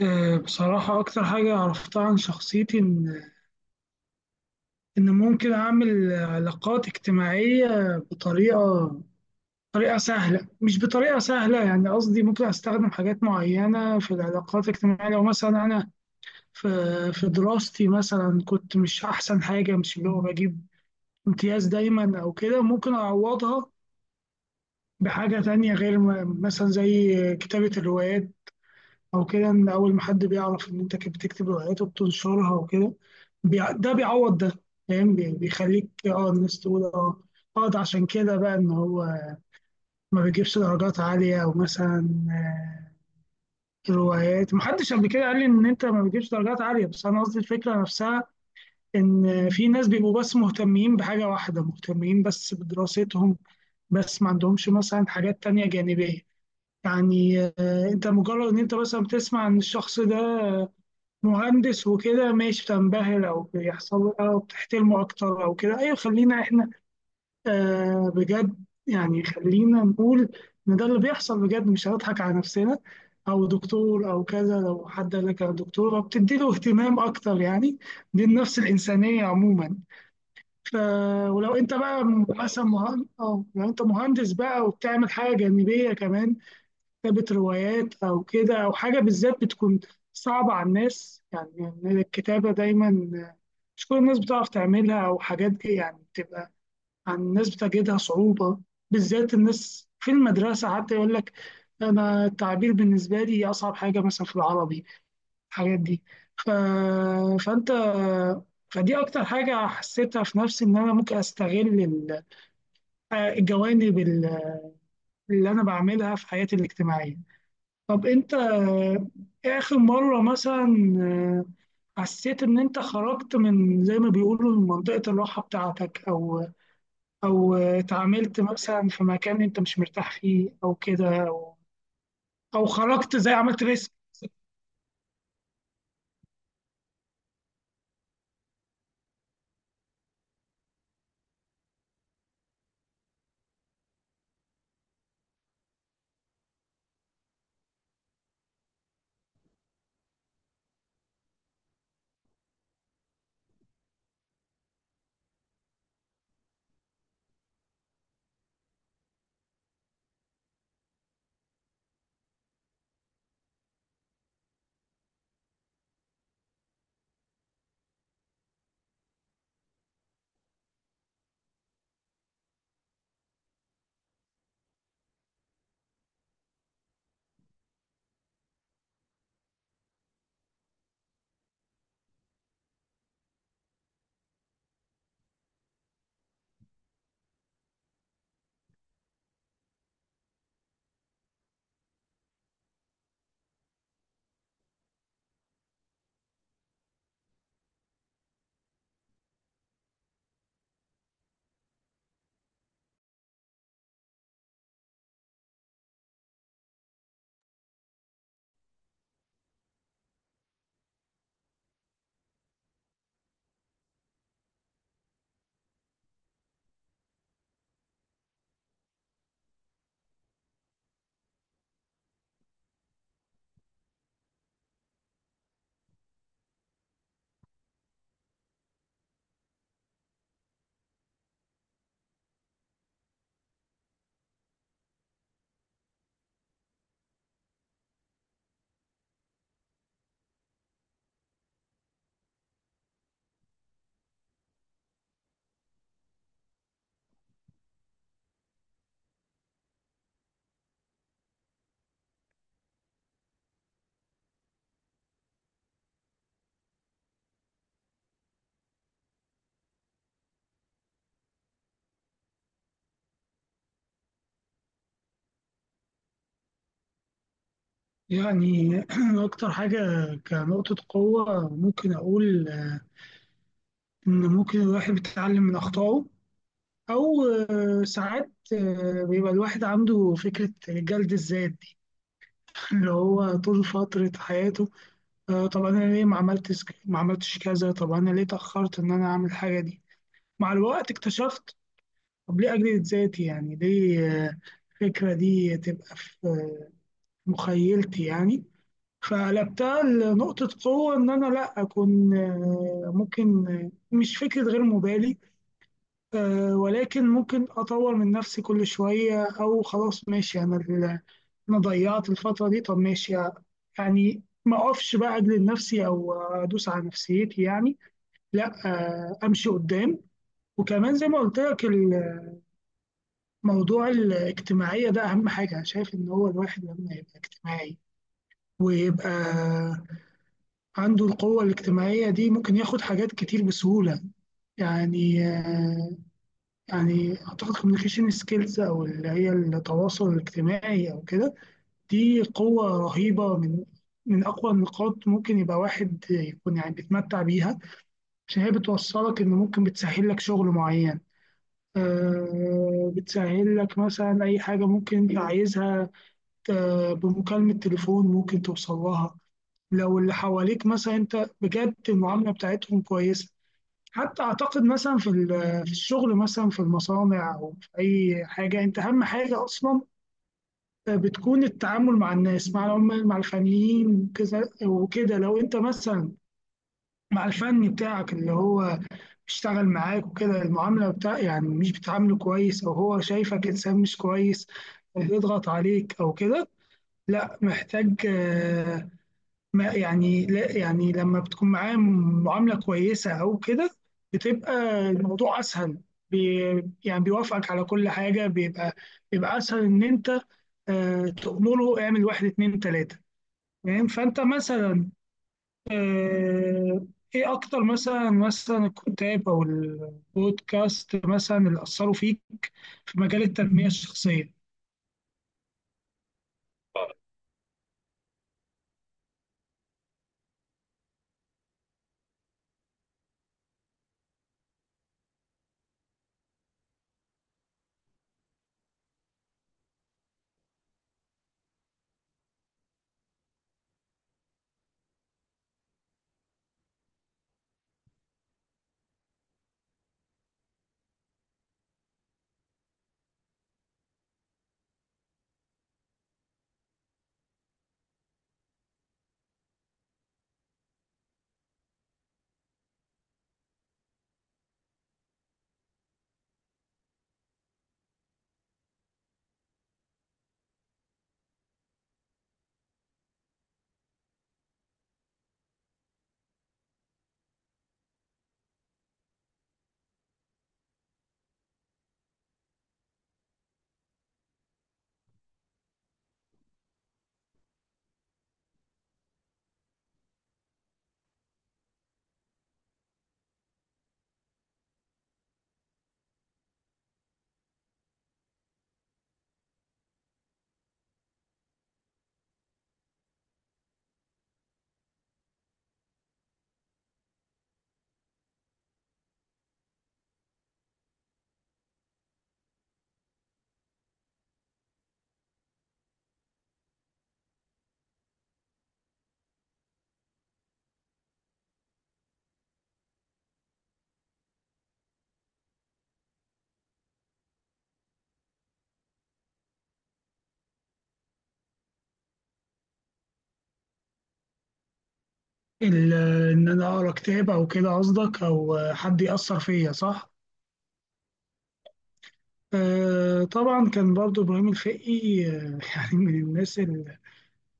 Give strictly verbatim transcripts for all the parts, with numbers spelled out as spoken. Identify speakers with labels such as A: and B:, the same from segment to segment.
A: آه، بصراحة أكتر حاجة عرفتها عن شخصيتي إن إن ممكن أعمل علاقات اجتماعية بطريقة طريقة سهلة، مش بطريقة سهلة، يعني قصدي ممكن أستخدم حاجات معينة في العلاقات الاجتماعية، لو مثلا أنا في في دراستي مثلا كنت مش أحسن حاجة، مش اللي هو بجيب امتياز دايما أو كده، ممكن أعوضها بحاجة تانية غير م- مثلا زي كتابة الروايات او كده. ان اول ما حد بيعرف ان انت كنت بتكتب روايات وبتنشرها وكده، بيع- ده بيعوض ده، فاهم؟ بي- بيخليك اه الناس تقول اه اه ده عشان كده بقى، ان هو ما بيجيبش درجات عالية او مثلا آه، روايات. محدش قبل كده قال لي ان انت ما بتجيبش درجات عالية، بس انا قصدي الفكرة نفسها، ان في ناس بيبقوا بس مهتمين بحاجة واحدة، مهتمين بس بدراستهم، بس ما عندهمش مثلا حاجات تانية جانبية. يعني آه، انت مجرد ان انت مثلا بتسمع ان الشخص ده مهندس وكده ماشي، بتنبهر او بيحصل له- او بتحترمه اكتر او كده. ايوه خلينا احنا آه بجد يعني، خلينا نقول ان ده اللي بيحصل بجد، مش هنضحك على نفسنا. او دكتور او كذا، لو حد قال لك انا دكتوره بتدي له اهتمام اكتر يعني، دي النفس الانسانيه عموما. ف ولو انت بقى مثلا مهندس، او لو انت مهندس بقى وبتعمل حاجه جانبيه كمان، كتابة روايات أو كده، أو حاجة بالذات بتكون صعبة على الناس يعني. يعني الكتابة دايما مش كل الناس بتعرف تعملها، أو حاجات دي يعني بتبقى عن الناس بتجدها صعوبة. بالذات الناس في المدرسة حتى يقول لك أنا التعبير بالنسبة لي أصعب حاجة مثلا في العربي، الحاجات دي. ف... فأنت فدي أكتر حاجة حسيتها في نفسي، إن أنا ممكن أستغل ال- الجوانب ال- اللي أنا بعملها في حياتي الاجتماعية. طب انت آه، ايه اخر مرة مثلا آه، حسيت ان انت خرجت، من زي ما بيقولوا، من منطقة الراحة بتاعتك، او او آه، اتعاملت مثلا في مكان انت مش مرتاح فيه او كده، او او خرجت زي عملت ريسك؟ يعني اكتر حاجة كنقطة قوة ممكن اقول ان ممكن الواحد بيتعلم من اخطائه. او آه، ساعات آه، بيبقى الواحد عنده فكرة جلد الذات دي اللي هو طول فترة حياته آه، طب انا ليه ما عملتش ما عملتش كذا، طب انا ليه اتاخرت ان انا اعمل الحاجه دي. مع الوقت اكتشفت طب ليه اجلد ذاتي يعني، ليه آه، الفكره دي تبقى في آه، مخيلتي يعني. فقلبتها لنقطه قوه، ان انا لا اكون آه، ممكن آه، مش فكره غير مبالي آه، ولكن ممكن أطور من نفسي كل شوية، أو خلاص ماشي، أنا ال- أنا ضيعت الفترة دي، طب ماشي يعني، ما أقفش بقى أجلد نفسي أو أدوس على نفسيتي يعني، لا آه، أمشي قدام. وكمان زي ما قلت لك، الموضوع الاجتماعية ده أهم حاجة أنا شايف، إن هو الواحد لما يبقى اجتماعي ويبقى عنده القوة الاجتماعية دي، ممكن ياخد حاجات كتير بسهولة. يعني آه، يعني اعتقد communication skills، او اللي هي التواصل الاجتماعي او كده، دي قوة رهيبة، من من اقوى النقاط ممكن يبقى واحد يكون يعني بيتمتع بيها. عشان هي بتوصلك، ان ممكن بتسهل لك شغل معين آه، بتسهل لك مثلا اي حاجة ممكن انت عايزها آه، بمكالمة تليفون ممكن توصل لها، لو اللي حواليك مثلا انت بجد المعاملة بتاعتهم كويسة. حتى اعتقد مثلا في ال- في الشغل مثلا، في المصانع او في اي حاجه، انت اهم حاجه اصلا بتكون التعامل مع الناس، مع العمال مع الفنيين وكذا وكده. لو انت مثلا مع الفني بتاعك اللي هو بيشتغل معاك وكده، المعامله بتاع يعني مش بتعامله كويس، او هو شايفك انسان مش كويس بيضغط عليك او كده، لا محتاج. ما يعني لا يعني لما بتكون معاه معاملة كويسة أو كده، بتبقى الموضوع أسهل، بي يعني بيوافقك على كل حاجة، بيبقى بيبقى أسهل إن أنت آه، تأمره اعمل واحد اتنين تلاتة. فاهم؟ فأنت مثلا آه، إيه أكتر مثلا مثلا الكتاب أو البودكاست مثلا اللي أثروا فيك في مجال التنمية الشخصية؟ ال- إن أنا أقرأ كتاب أو كده قصدك، أو آه، حد يأثر فيا، صح؟ آه، طبعا كان برضو إبراهيم الفقي آه، يعني من الناس اللي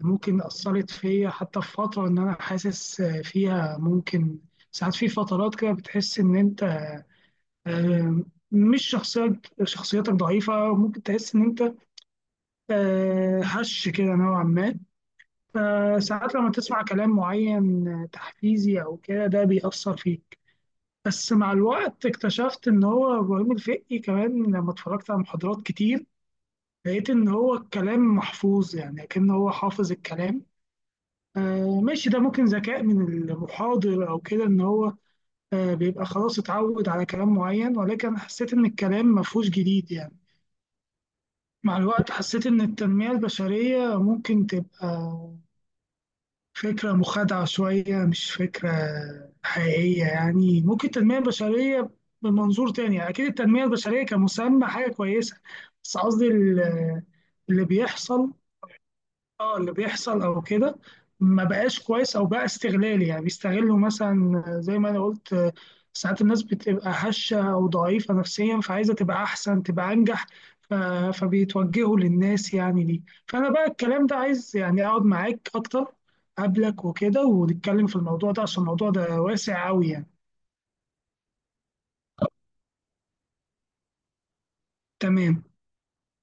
A: ممكن أثرت فيا، حتى في فترة إن أنا حاسس آه، فيها ممكن ساعات، في فترات كده بتحس إن أنت آه، مش شخصيات شخصيتك ضعيفة، ممكن تحس إن أنت آه، هش كده نوعا ما، فساعات لما تسمع كلام معين آه، تحفيزي أو كده ده بيأثر فيك. بس مع الوقت اكتشفت إن هو إبراهيم الفقي كمان لما اتفرجت على محاضرات كتير، لقيت إن هو الكلام محفوظ يعني، كأن هو حافظ الكلام. آه ماشي، ده ممكن ذكاء من المحاضر أو كده، إن هو آه بيبقى خلاص اتعود على كلام معين، ولكن أنا حسيت إن الكلام مفهوش جديد يعني. مع الوقت حسيت إن التنمية البشرية ممكن تبقى فكرة مخادعة شوية، مش فكرة حقيقية يعني. ممكن التنمية البشرية بمنظور تاني يعني، أكيد التنمية البشرية كمسمى حاجة كويسة، بس قصدي ال- اللي بيحصل، اه اللي بيحصل او كده ما بقاش كويس، او بقى استغلالي يعني. بيستغلوا مثلا، زي ما انا قلت آه، ساعات الناس بتبقى هشة او ضعيفة نفسيا، فعايزة تبقى احسن تبقى انجح، ف- فبيتوجهوا للناس يعني دي. فانا بقى الكلام ده، عايز يعني اقعد معاك اكتر قبلك وكده، ونتكلم في الموضوع ده عشان الموضوع ده واسع قوي يعني. تمام.